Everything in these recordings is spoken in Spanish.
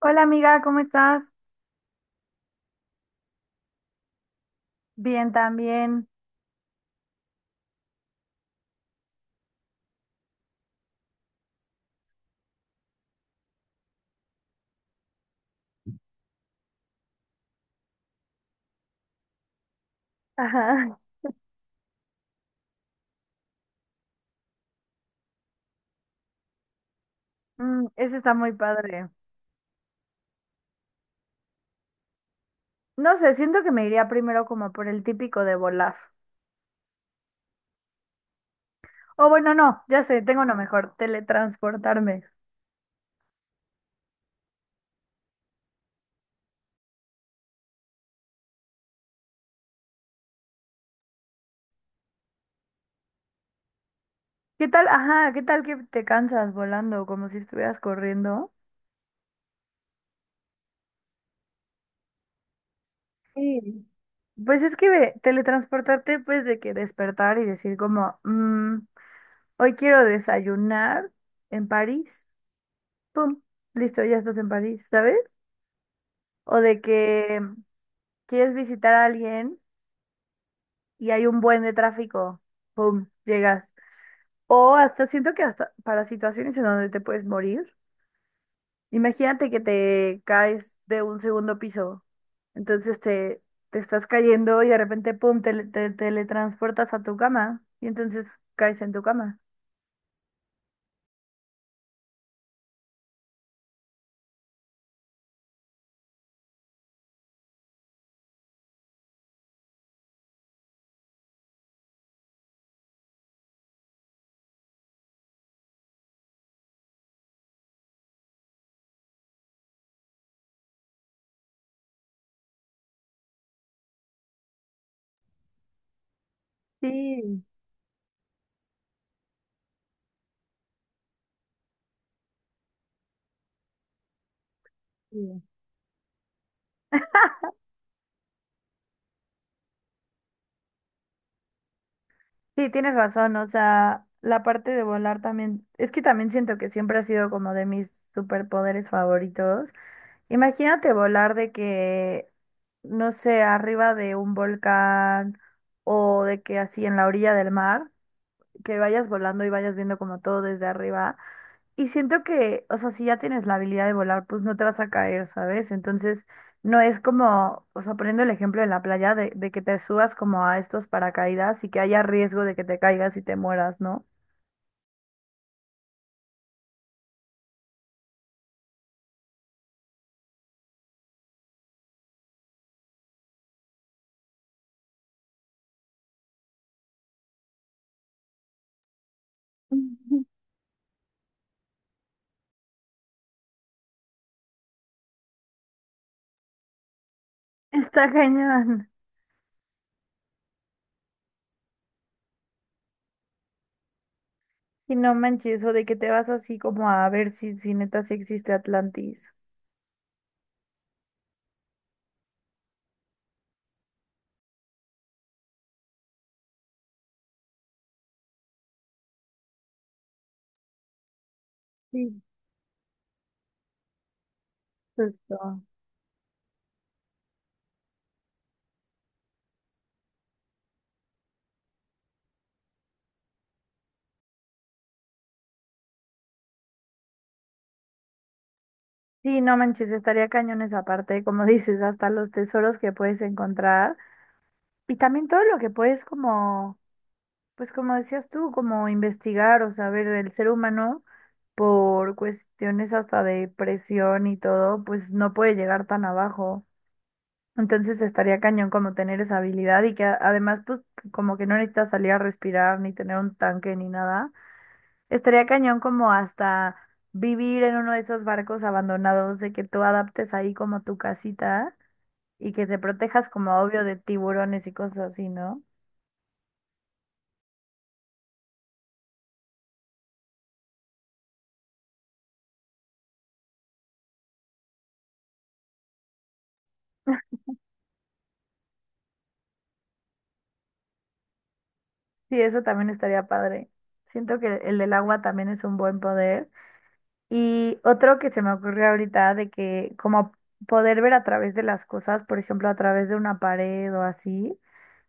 Hola amiga, ¿cómo estás? Bien, también. Ajá. Mm, eso está muy padre. No sé, siento que me iría primero como por el típico de volar. O bueno, no, ya sé, tengo uno mejor, teletransportarme. ¿Qué tal? Ajá, ¿qué tal que te cansas volando como si estuvieras corriendo? Sí. Pues es que ve, teletransportarte, pues de que despertar y decir como, "Mm, hoy quiero desayunar en París. Pum, listo, ya estás en París, ¿sabes? O de que quieres visitar a alguien y hay un buen de tráfico, ¡pum!, llegas. O hasta siento que hasta para situaciones en donde te puedes morir, imagínate que te caes de un segundo piso, entonces te estás cayendo y de repente, ¡pum!, te teletransportas a tu cama y entonces caes en tu cama. Sí, sí. Sí, tienes razón, o sea, la parte de volar también, es que también siento que siempre ha sido como de mis superpoderes favoritos. Imagínate volar de que, no sé, arriba de un volcán o de que así en la orilla del mar, que vayas volando y vayas viendo como todo desde arriba. Y siento que, o sea, si ya tienes la habilidad de volar, pues no te vas a caer, ¿sabes? Entonces, no es como, o sea, poniendo el ejemplo en la playa, de que te subas como a estos paracaídas y que haya riesgo de que te caigas y te mueras, ¿no? Ujú. Está cañón. Y no manches, o de que te vas así como a ver si neta sí existe Atlantis. Sí, justo. Sí, no manches, estaría cañón esa parte, como dices, hasta los tesoros que puedes encontrar y también todo lo que puedes como, pues como decías tú, como investigar o saber del ser humano por cuestiones hasta de presión y todo, pues no puede llegar tan abajo. Entonces estaría cañón como tener esa habilidad y que además pues como que no necesitas salir a respirar ni tener un tanque ni nada. Estaría cañón como hasta vivir en uno de esos barcos abandonados, de que tú adaptes ahí como tu casita y que te protejas como obvio de tiburones y cosas así, ¿no? Sí, eso también estaría padre. Siento que el del agua también es un buen poder. Y otro que se me ocurrió ahorita de que como poder ver a través de las cosas, por ejemplo, a través de una pared o así,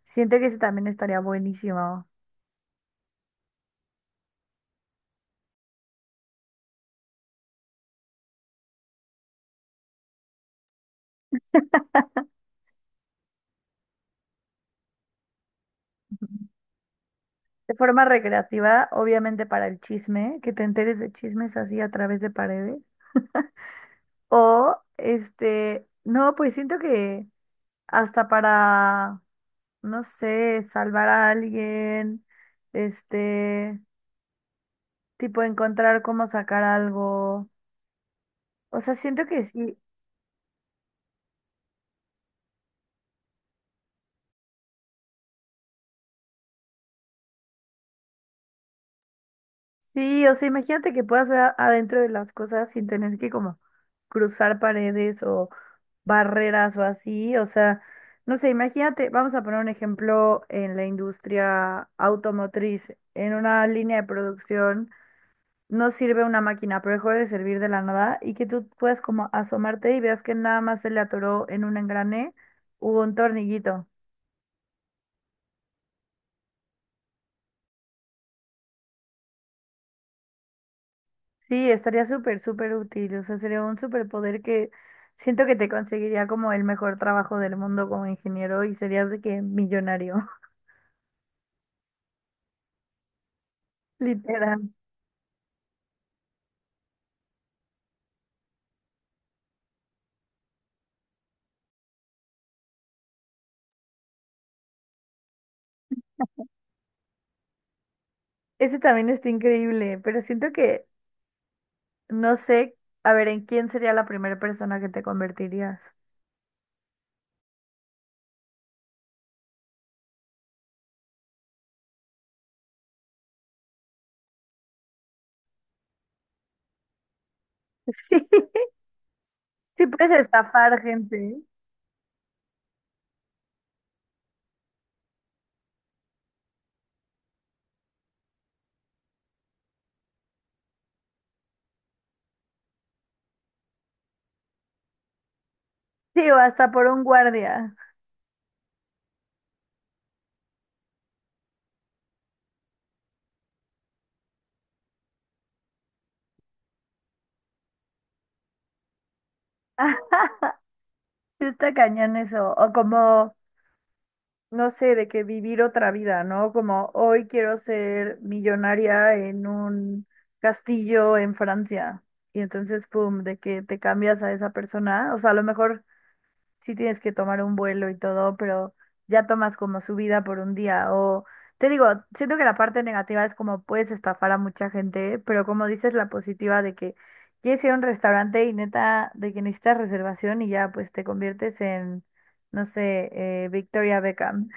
siento que ese también estaría buenísimo. De forma recreativa, obviamente para el chisme, que te enteres de chismes así a través de paredes. O, este, no, pues siento que hasta para, no sé, salvar a alguien, este, tipo encontrar cómo sacar algo. O sea, siento que sí, sí, o sea, imagínate que puedas ver adentro de las cosas sin tener que como cruzar paredes, barreras o así. O sea, no sé, imagínate, vamos a poner un ejemplo en la industria automotriz, en una línea de producción, no sirve una máquina, pero dejó de servir de la nada y que tú puedas como asomarte y veas que nada más se le atoró en un engrane o un tornillito. Sí, estaría súper, súper útil. O sea, sería un superpoder que siento que te conseguiría como el mejor trabajo del mundo como ingeniero y serías de que millonario, literal. Ese también está increíble, pero siento que, no sé, a ver, ¿en quién sería la primera persona que te convertirías? Sí, sí puedes estafar gente. Sí, o hasta por un guardia. Sí, está cañón eso. O como, no sé, de que vivir otra vida, ¿no? Como hoy quiero ser millonaria en un castillo en Francia. Y entonces, pum, de que te cambias a esa persona. O sea, a lo mejor sí tienes que tomar un vuelo y todo, pero ya tomas como su vida por un día. O te digo, siento que la parte negativa es como puedes estafar a mucha gente, pero como dices, la positiva de que quieres ir a un restaurante y neta, de que necesitas reservación y ya pues te conviertes en, no sé, Victoria Beckham.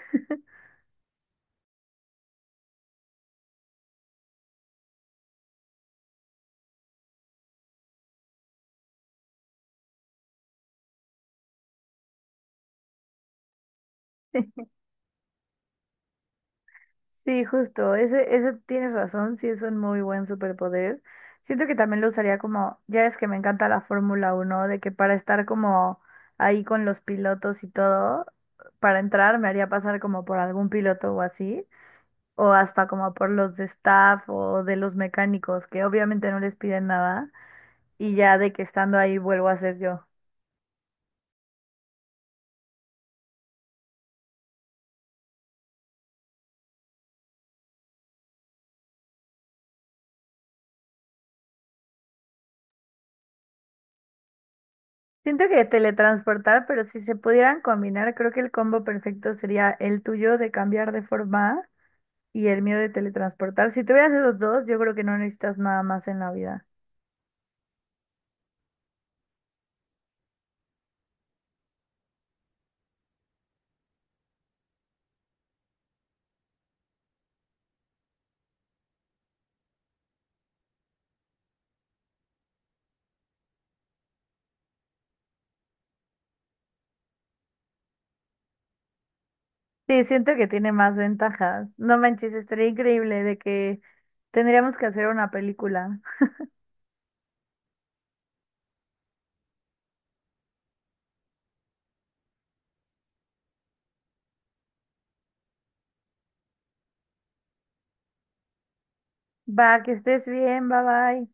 Sí, justo, ese tienes razón, sí es un muy buen superpoder. Siento que también lo usaría como, ya es que me encanta la Fórmula 1 de que para estar como ahí con los pilotos y todo, para entrar me haría pasar como por algún piloto o así, o hasta como por los de staff o de los mecánicos, que obviamente no les piden nada, y ya de que estando ahí vuelvo a ser yo. Siento que teletransportar, pero si se pudieran combinar, creo que el combo perfecto sería el tuyo de cambiar de forma y el miedo de teletransportar. Si tuvieras esos dos, yo creo que no necesitas nada más en la vida. Sí, siento que tiene más ventajas. No manches, estaría increíble de que tendríamos que hacer una película. Va, que estés bien, bye bye.